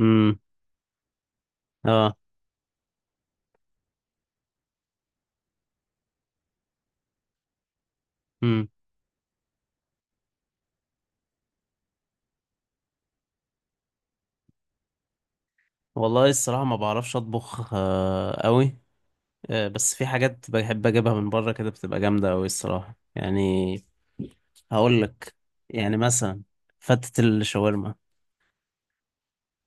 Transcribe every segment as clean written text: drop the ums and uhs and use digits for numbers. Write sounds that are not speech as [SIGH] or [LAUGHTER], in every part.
امم اه امم والله الصراحه ما بعرفش اطبخ قوي. بس في حاجات بحب اجيبها من بره كده بتبقى جامده قوي الصراحه يعني. هقول لك، يعني مثلا فتة الشاورما.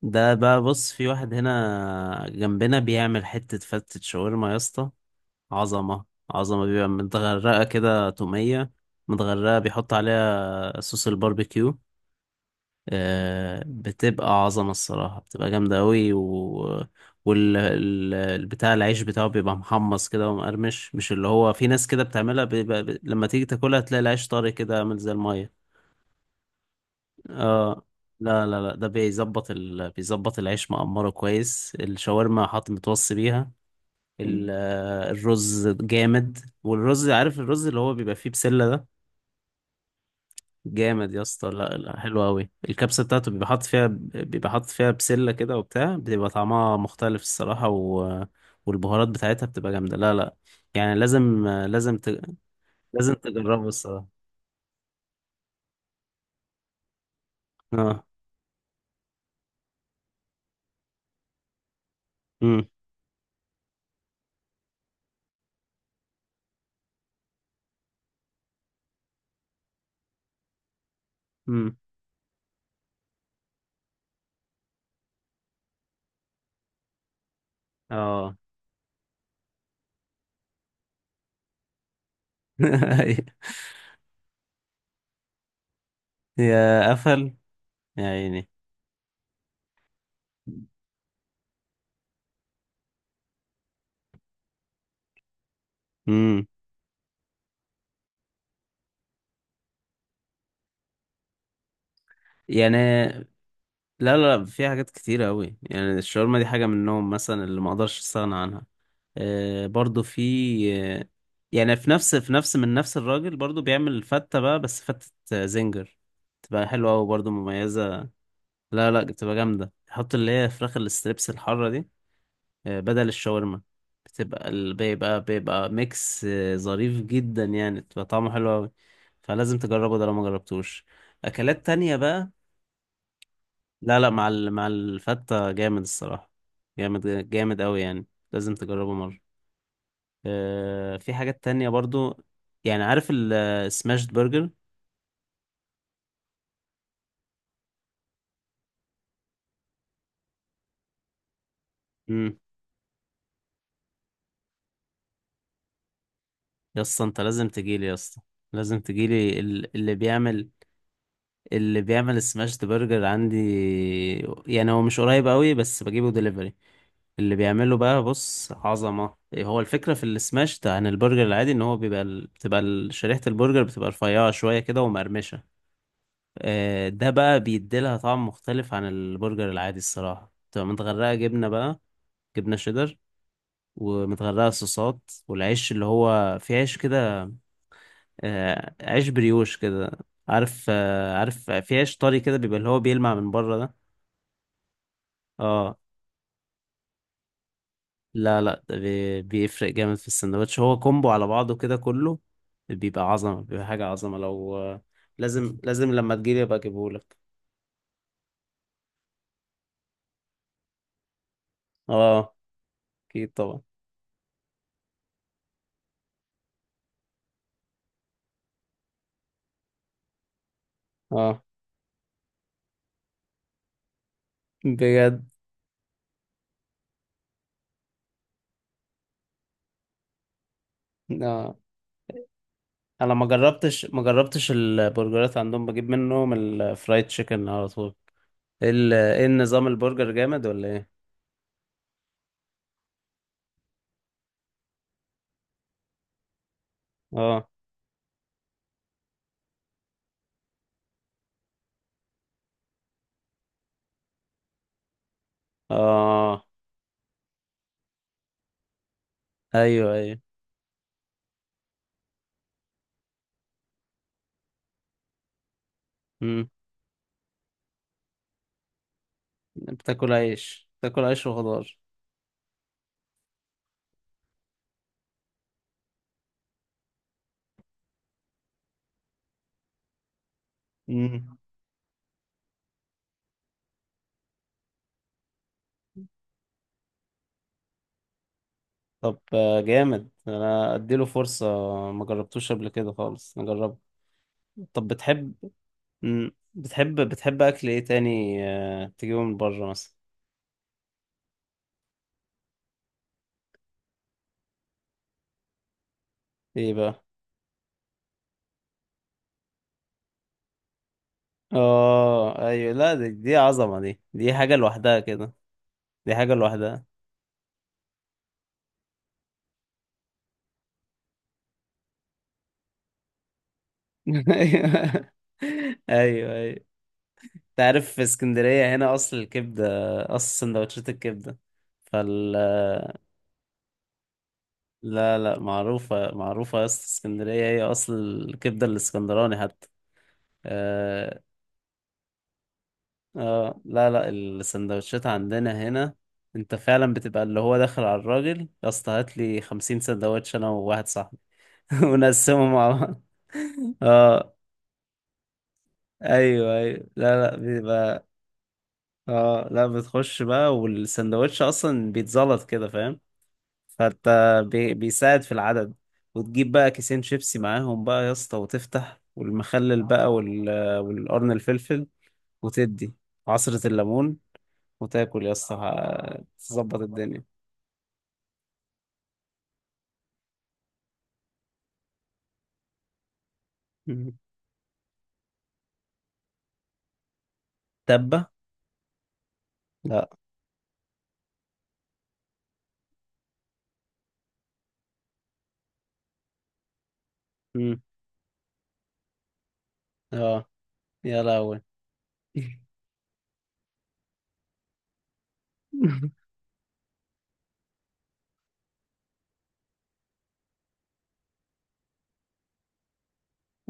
ده بقى بص، في واحد هنا جنبنا بيعمل حته فتة شاورما يا اسطى. عظمه. عظمه، بيبقى متغرقه كده توميه، متغرقه، بيحط عليها صوص الباربيكيو. بتبقى عظمة الصراحة، بتبقى جامدة أوي والبتاع، العيش بتاعه بيبقى محمص كده ومقرمش، مش اللي هو في ناس كده بتعملها لما تيجي تاكلها تلاقي العيش طري كده عامل زي المية. اه، لا لا لا، ده بيظبط بيظبط العيش مقمره كويس، الشاورما حاط متوصي بيها. ال... آه، الرز جامد. والرز، عارف الرز اللي هو بيبقى فيه بسلة ده؟ جامد يا اسطى. لا لا، حلو قوي الكبسه بتاعته، بيبقى حاطط فيها، بيبقى حاطط فيها بسله كده وبتاع، بتبقى طعمها مختلف الصراحه، والبهارات بتاعتها بتبقى جامده. لا لا، يعني لازم لازم لازم تجربه الصراحه. اه. امم امم اه [LAUGHS] يا قفل، يا عيني. امم يعني لا لا لا، في حاجات كتيرة أوي يعني. الشاورما دي حاجة منهم مثلا اللي ما أقدرش أستغنى عنها. برضو في، آه، يعني في نفس من نفس الراجل برضو بيعمل فتة بقى، بس فتة زنجر. تبقى حلوة أوي، برضو مميزة. لا لا، بتبقى جامدة، يحط اللي هي فراخ الاستريبس الحارة دي، بدل الشاورما. بيبقى ميكس ظريف جدا يعني، بتبقى طعمه حلو أوي. فلازم تجربه ده لو ما جربتوش. أكلات تانية بقى. لا لا، مع الفتة جامد الصراحة. جامد جامد أوي يعني. لازم تجربه مرة. في حاجات تانية برضو يعني. عارف السماشت برجر؟ امم يا اسطى انت لازم تجيلي يا اسطى. لازم تجيلي اللي بيعمل، اللي بيعمل السماشت برجر عندي. يعني هو مش قريب قوي، بس بجيبه دليفري. اللي بيعمله بقى بص عظمة إيه، هو الفكرة في السماشت عن البرجر العادي ان هو بيبقى شريحة البرجر بتبقى رفيعة شوية كده ومقرمشة. ده بقى بيديلها طعم مختلف عن البرجر العادي الصراحة، بتبقى متغرقة جبنة بقى، جبنة شيدر، ومتغرقة صوصات. والعيش اللي هو في عيش كده، عيش بريوش كده، عارف؟ عارف في عيش طري كده بيبقى، اللي هو بيلمع من بره ده. اه. لا لا، ده بيفرق جامد في السندوتش، هو كومبو على بعضه كده كله. بيبقى عظمة، بيبقى حاجة عظمة لو لازم لازم لما تجيلي ابقى اجيبهولك. اه، اكيد طبعا. اه، بجد. اه، انا ما جربتش، ما جربتش البرجرات عندهم، بجيب منهم الفرايد تشيكن على طول. ايه النظام، البرجر جامد ولا ايه؟ اه. اه، ايوه ايوه. امم بتاكل عيش، بتاكل عيش وخضار. امم طب جامد، انا اديله فرصة، ما جربتوش قبل كده خالص، نجربه. طب بتحب، بتحب، بتحب اكل ايه تاني تجيبه من بره مثلا؟ ايه بقى؟ اه ايوه، لا دي عظمة، دي حاجة لوحدها كده. دي حاجة لوحدها. [LAUGHS] ايوه ايوه ايوه. تعرف في اسكندرية هنا اصل الكبدة، اصل سندوتشات الكبدة. فال. لا لا، معروفة معروفة يا اسطى، اسكندرية هي اصل الكبدة، الاسكندراني حتى. اه، لا لا، السندوتشات عندنا هنا. انت فعلا بتبقى اللي هو داخل على الراجل يا اسطى: هات لي 50 سندوتش انا وواحد صاحبي [LAUGHS] ونقسمهم مع بعض. اه ايوه ايوه. لا لا بيبقى، اه لا، بتخش بقى والسندوتش اصلا بيتزلط كده، فاهم؟ فانت بيساعد في العدد. وتجيب بقى كيسين شيبسي معاهم بقى يا اسطى، وتفتح والمخلل بقى والقرن الفلفل، وتدي عصرة الليمون، وتاكل يا اسطى، تظبط الدنيا. مم. تبة. لا. مم. اه، يا لهوي. [LAUGHS]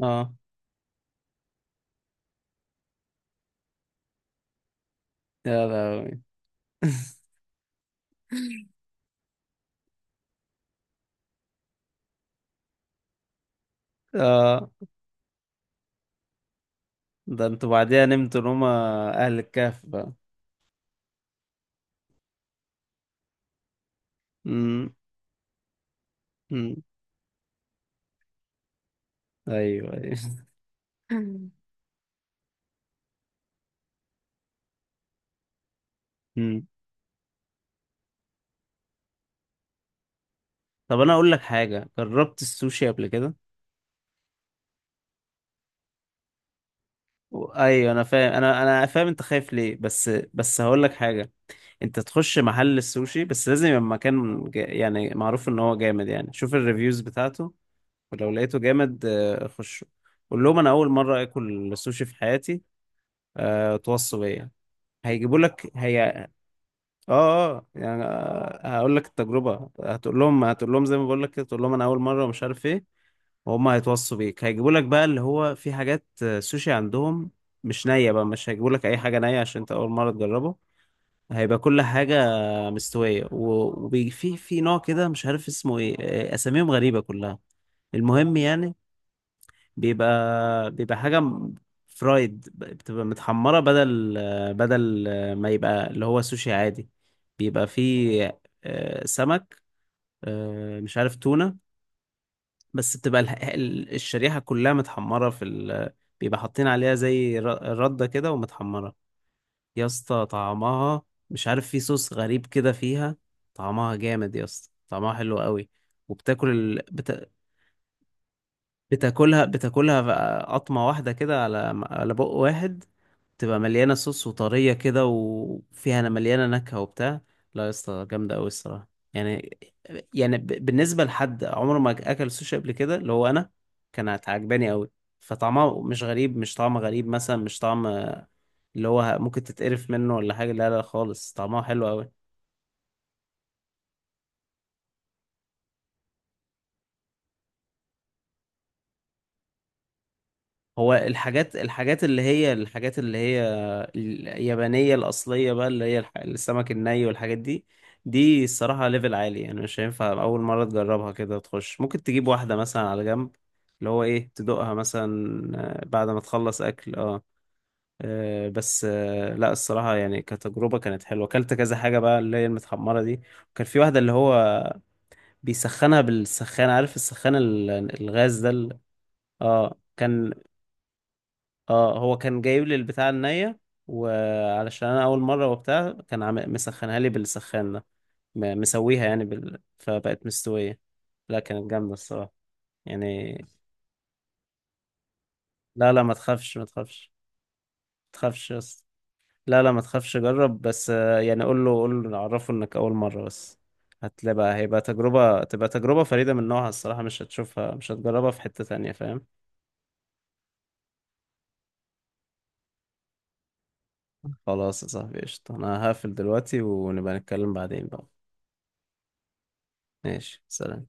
اه يا لهوي. [LAUGHS] اه، ده انتوا بعديها نمتوا نومة اهل الكهف بقى. مم. مم. ايوه ايوه. مم. طب انا اقول لك حاجه، جربت السوشي قبل كده؟ ايوه، انا فاهم، انا فاهم انت خايف ليه، بس بس هقول لك حاجه. انت تخش محل السوشي، بس لازم يبقى مكان يعني معروف ان هو جامد يعني، شوف الريفيوز بتاعته. ولو لقيته جامد خشه. قول لهم انا اول مره اكل السوشي في حياتي، توصوا بيا. هيجيبوا لك هي. اه اه، يعني هقول لك التجربه. هتقول لهم زي ما بقول لك كده، تقول لهم انا اول مره ومش عارف ايه، وهم هيتوصوا بيك، هيجيبوا لك بقى اللي هو في حاجات سوشي عندهم، مش نية بقى، مش هيجيبوا لك اي حاجة نية عشان انت اول مرة تجربه. هيبقى كل حاجة مستوية. وفي في نوع كده مش عارف اسمه ايه اساميهم غريبة كلها. المهم يعني، بيبقى حاجة فرايد، بتبقى متحمرة بدل ما يبقى اللي هو سوشي عادي. بيبقى فيه سمك، مش عارف تونة، بس بتبقى الشريحة كلها متحمرة في بيبقى حاطين عليها زي ردة كده ومتحمرة. يا اسطى طعمها، مش عارف في صوص غريب كده فيها، طعمها جامد يا اسطى، طعمها حلو قوي. وبتاكل بتاكلها، بتاكلها بقى قطمة واحدة كده، على على بق واحد، تبقى مليانة صوص وطرية كده، وفيها أنا مليانة نكهة وبتاع. لا يا اسطى، جامدة أوي الصراحة يعني. يعني بالنسبة لحد عمره ما أكل سوشي قبل كده اللي هو أنا، كانت عجباني أوي. فطعمها مش غريب، مش طعم غريب مثلا، مش طعم اللي هو ممكن تتقرف منه ولا حاجة، لا لا خالص، طعمها حلو أوي. هو الحاجات، الحاجات اللي هي اليابانية الأصلية بقى، اللي هي السمك الني والحاجات دي، دي الصراحة ليفل عالي يعني، مش هينفع أول مرة تجربها كده تخش، ممكن تجيب واحدة مثلا على جنب اللي هو إيه، تدوقها مثلا، بعد ما تخلص أكل. أه بس لا الصراحة يعني، كتجربة كانت حلوة، أكلت كذا حاجة بقى اللي هي المتحمرة دي. وكان في واحدة اللي هو بيسخنها بالسخان، عارف السخان الغاز ده اه كان، اه هو كان جايب لي البتاع النية، وعلشان انا اول مرة وبتاع كان مسخنها لي بالسخان ده، مسويها يعني فبقت مستوية. لا كانت جامدة الصراحة يعني. لا لا ما تخافش، ما تخافش، ما تخافش بس، لا لا ما تخافش، جرب بس يعني قول له، قول له عرفه انك اول مرة بس، هتلاقي بقى هيبقى تجربة، تبقى تجربة فريدة من نوعها الصراحة، مش هتشوفها مش هتجربها في حتة تانية فاهم. خلاص يا صاحبي، قشطة، انا هقفل دلوقتي ونبقى نتكلم بعدين بقى. ماشي، سلام.